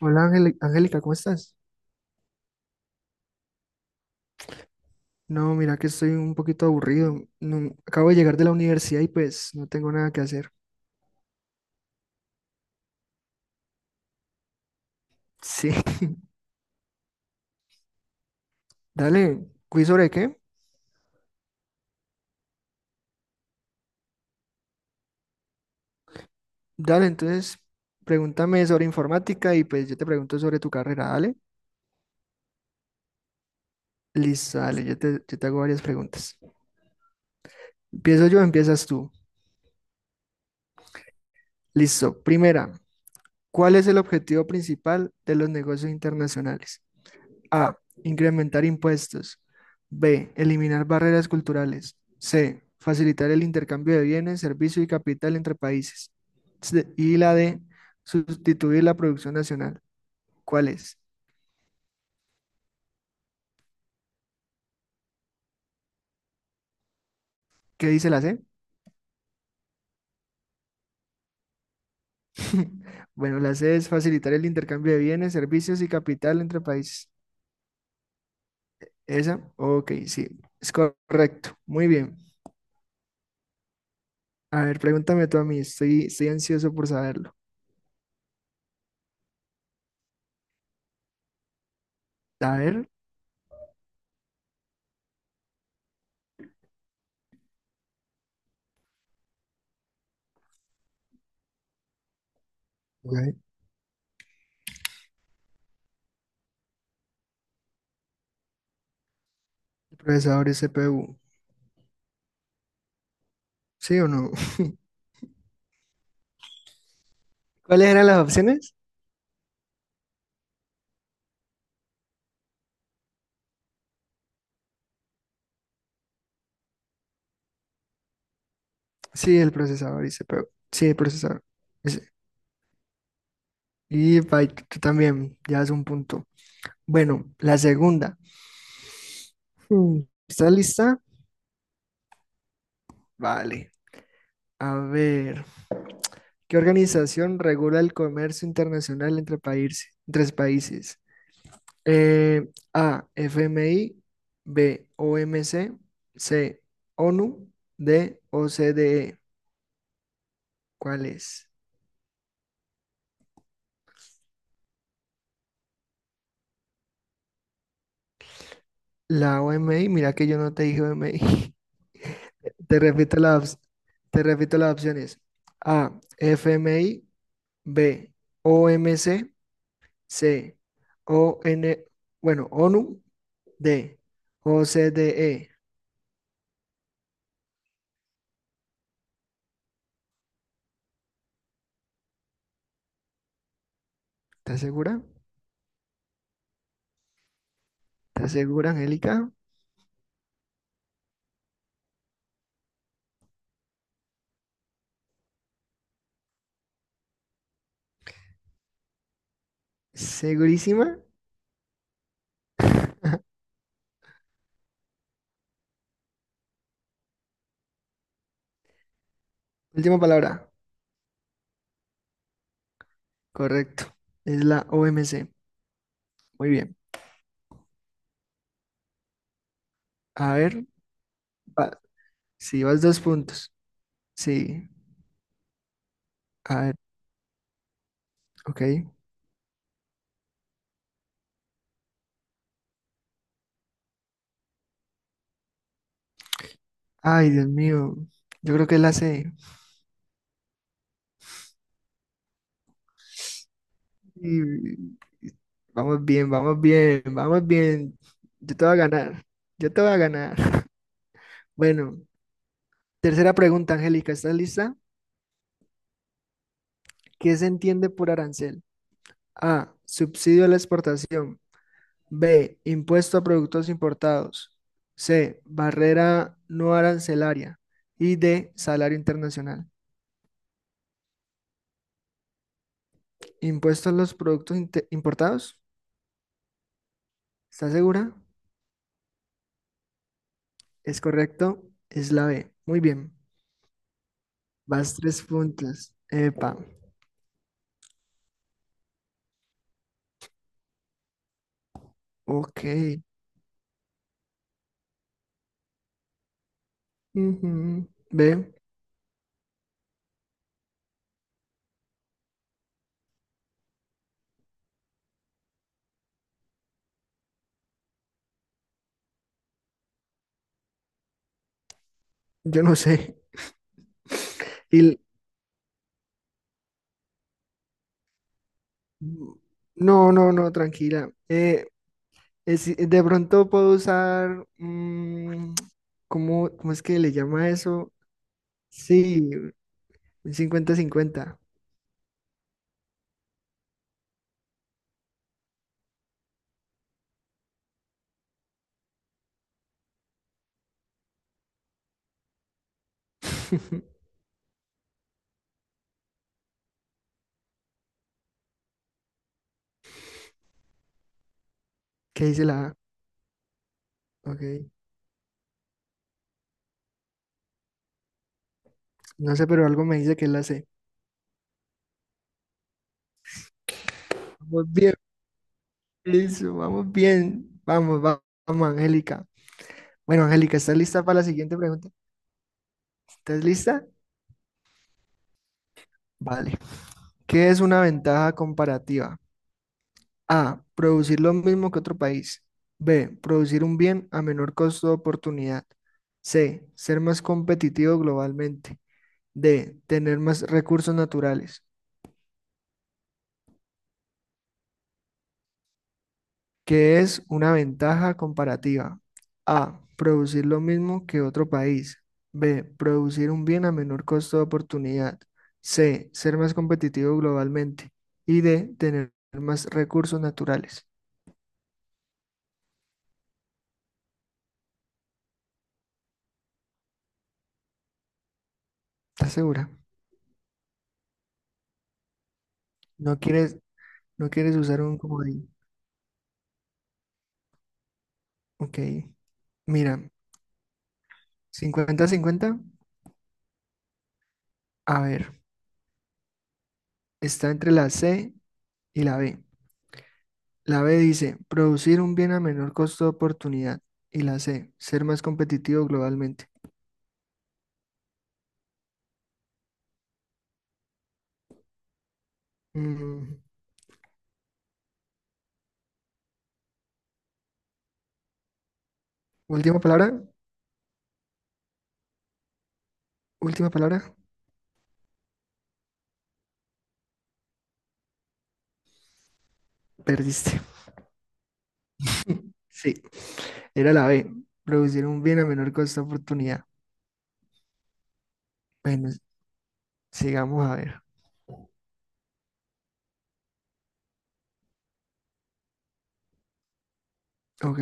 Hola Angélica, ¿cómo estás? No, mira que estoy un poquito aburrido. No, acabo de llegar de la universidad y pues no tengo nada que hacer. Sí, dale, ¿quiz sobre qué? Dale, entonces pregúntame sobre informática y pues yo te pregunto sobre tu carrera, dale. Listo, dale, yo te hago varias preguntas. ¿Empiezo yo o empiezas tú? Listo, primera, ¿cuál es el objetivo principal de los negocios internacionales? A. Incrementar impuestos. B. Eliminar barreras culturales. C. Facilitar el intercambio de bienes, servicios y capital entre países. Y la D. Sustituir la producción nacional. ¿Cuál es? ¿Qué dice la C? Bueno, la C es facilitar el intercambio de bienes, servicios y capital entre países. ¿Esa? Ok, sí, es correcto. Muy bien. A ver, pregúntame tú a mí, estoy ansioso por saberlo. A ver, ok, procesadores CPU, ¿sí o no? ¿Cuáles eran las opciones? Sí, el procesador, dice, pero sí, el procesador. Dice, y byte, tú también, ya es un punto. Bueno, la segunda. Hmm, ¿estás lista? Vale. A ver, ¿qué organización regula el comercio internacional entre países? Tres países. Eh, A, FMI, B, OMC, C, ONU, D, OCDE. ¿Cuál es? La OMI, mira que yo no te dije OMI. Te repito las, te repito las opciones. A, FMI, B, OMC, C, o n bueno, ONU, D, o c d e. ¿Estás segura? ¿Estás segura, Angélica? ¿Segurísima? Última palabra. Correcto. Es la OMC. Muy bien. A ver, va- sí, vas dos puntos. Sí. A ver, ok. Ay, Dios mío. Yo creo que es la C. Y- y- Vamos bien, vamos bien, vamos bien. Yo te voy a ganar, yo te voy a ganar. Bueno, tercera pregunta, Angélica, ¿estás lista? ¿Qué se entiende por arancel? A, subsidio a la exportación. B, impuesto a productos importados. C, barrera no arancelaria. Y D, salario internacional. ¿Impuesto a los productos importados? ¿Estás segura? Es correcto, es la B. Muy bien, vas tres puntos. Epa. Ok, ujú, ve, yo no sé. Y, l- no, no, no, tranquila. De pronto puedo usar, ¿cómo, cómo es que le llama eso? Sí, un cincuenta-cincuenta. ¿Qué dice la A? Ok. No sé, pero algo me dice que es la C. Vamos bien, eso, vamos bien. Vamos, vamos, Angélica. Bueno, Angélica, ¿estás lista para la siguiente pregunta? ¿Estás lista? Vale. ¿Qué es una ventaja comparativa? A. Producir lo mismo que otro país. B. Producir un bien a menor costo de oportunidad. C. Ser más competitivo globalmente. D. Tener más recursos naturales, que es una ventaja comparativa. A. Producir lo mismo que otro país. B. Producir un bien a menor costo de oportunidad. C. Ser más competitivo globalmente. Y D. Tener más recursos naturales. ¿Estás segura? No quieres, no quieres usar un comodín. Ok. Mira, cincuenta-cincuenta. A ver, está entre la C y la B. La B dice, producir un bien a menor costo de oportunidad. Y la C, ser más competitivo globalmente. Mm, última palabra, última palabra. Perdiste. Sí, era la B, producir un bien a menor costo de oportunidad. Bueno, sigamos a ver. Ok,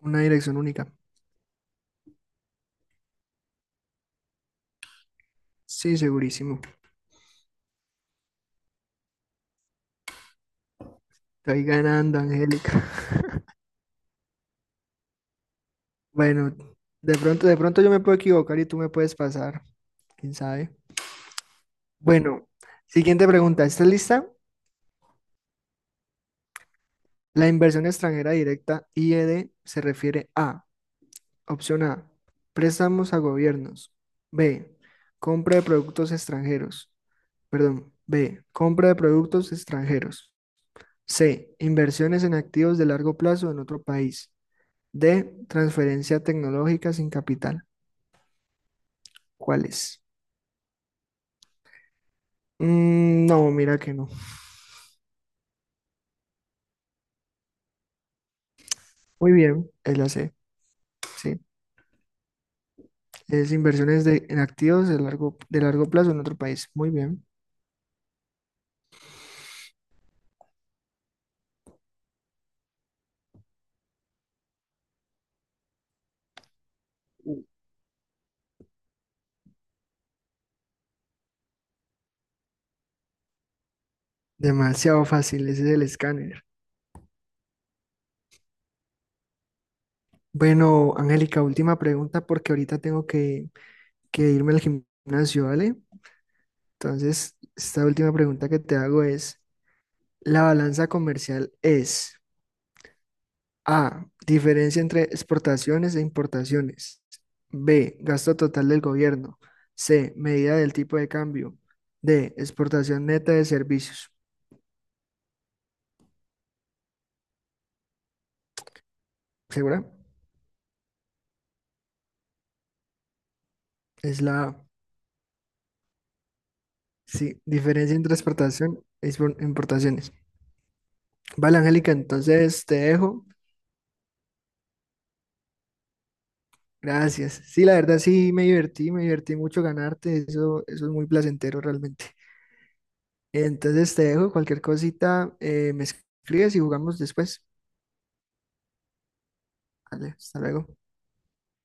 una dirección única. Sí, segurísimo. Estoy ganando, Angélica. Bueno, de pronto yo me puedo equivocar y tú me puedes pasar. ¿Quién sabe? Bueno, siguiente pregunta. ¿Estás lista? La inversión extranjera directa, IED, se refiere a, opción A, préstamos a gobiernos. B, compra de productos extranjeros. Perdón, B, compra de productos extranjeros. C, inversiones en activos de largo plazo en otro país. D, transferencia tecnológica sin capital. ¿Cuál es? Mm, no, mira que no. Muy bien, es la C, sí. Es inversiones de, en activos de largo plazo en otro país. Muy bien. Demasiado fácil, ese es el escáner. Bueno, Angélica, última pregunta porque ahorita que irme al gimnasio, ¿vale? Entonces, esta última pregunta que te hago es, ¿la balanza comercial es A, diferencia entre exportaciones e importaciones? B, gasto total del gobierno. C, medida del tipo de cambio. D, exportación neta de servicios. ¿Segura? Es la sí, diferencia entre exportación e importaciones. Vale, Angélica, entonces te dejo. Gracias. Sí, la verdad sí me divertí mucho ganarte, eso es muy placentero realmente. Entonces te dejo, cualquier cosita, me escribes y jugamos después. Vale, hasta luego.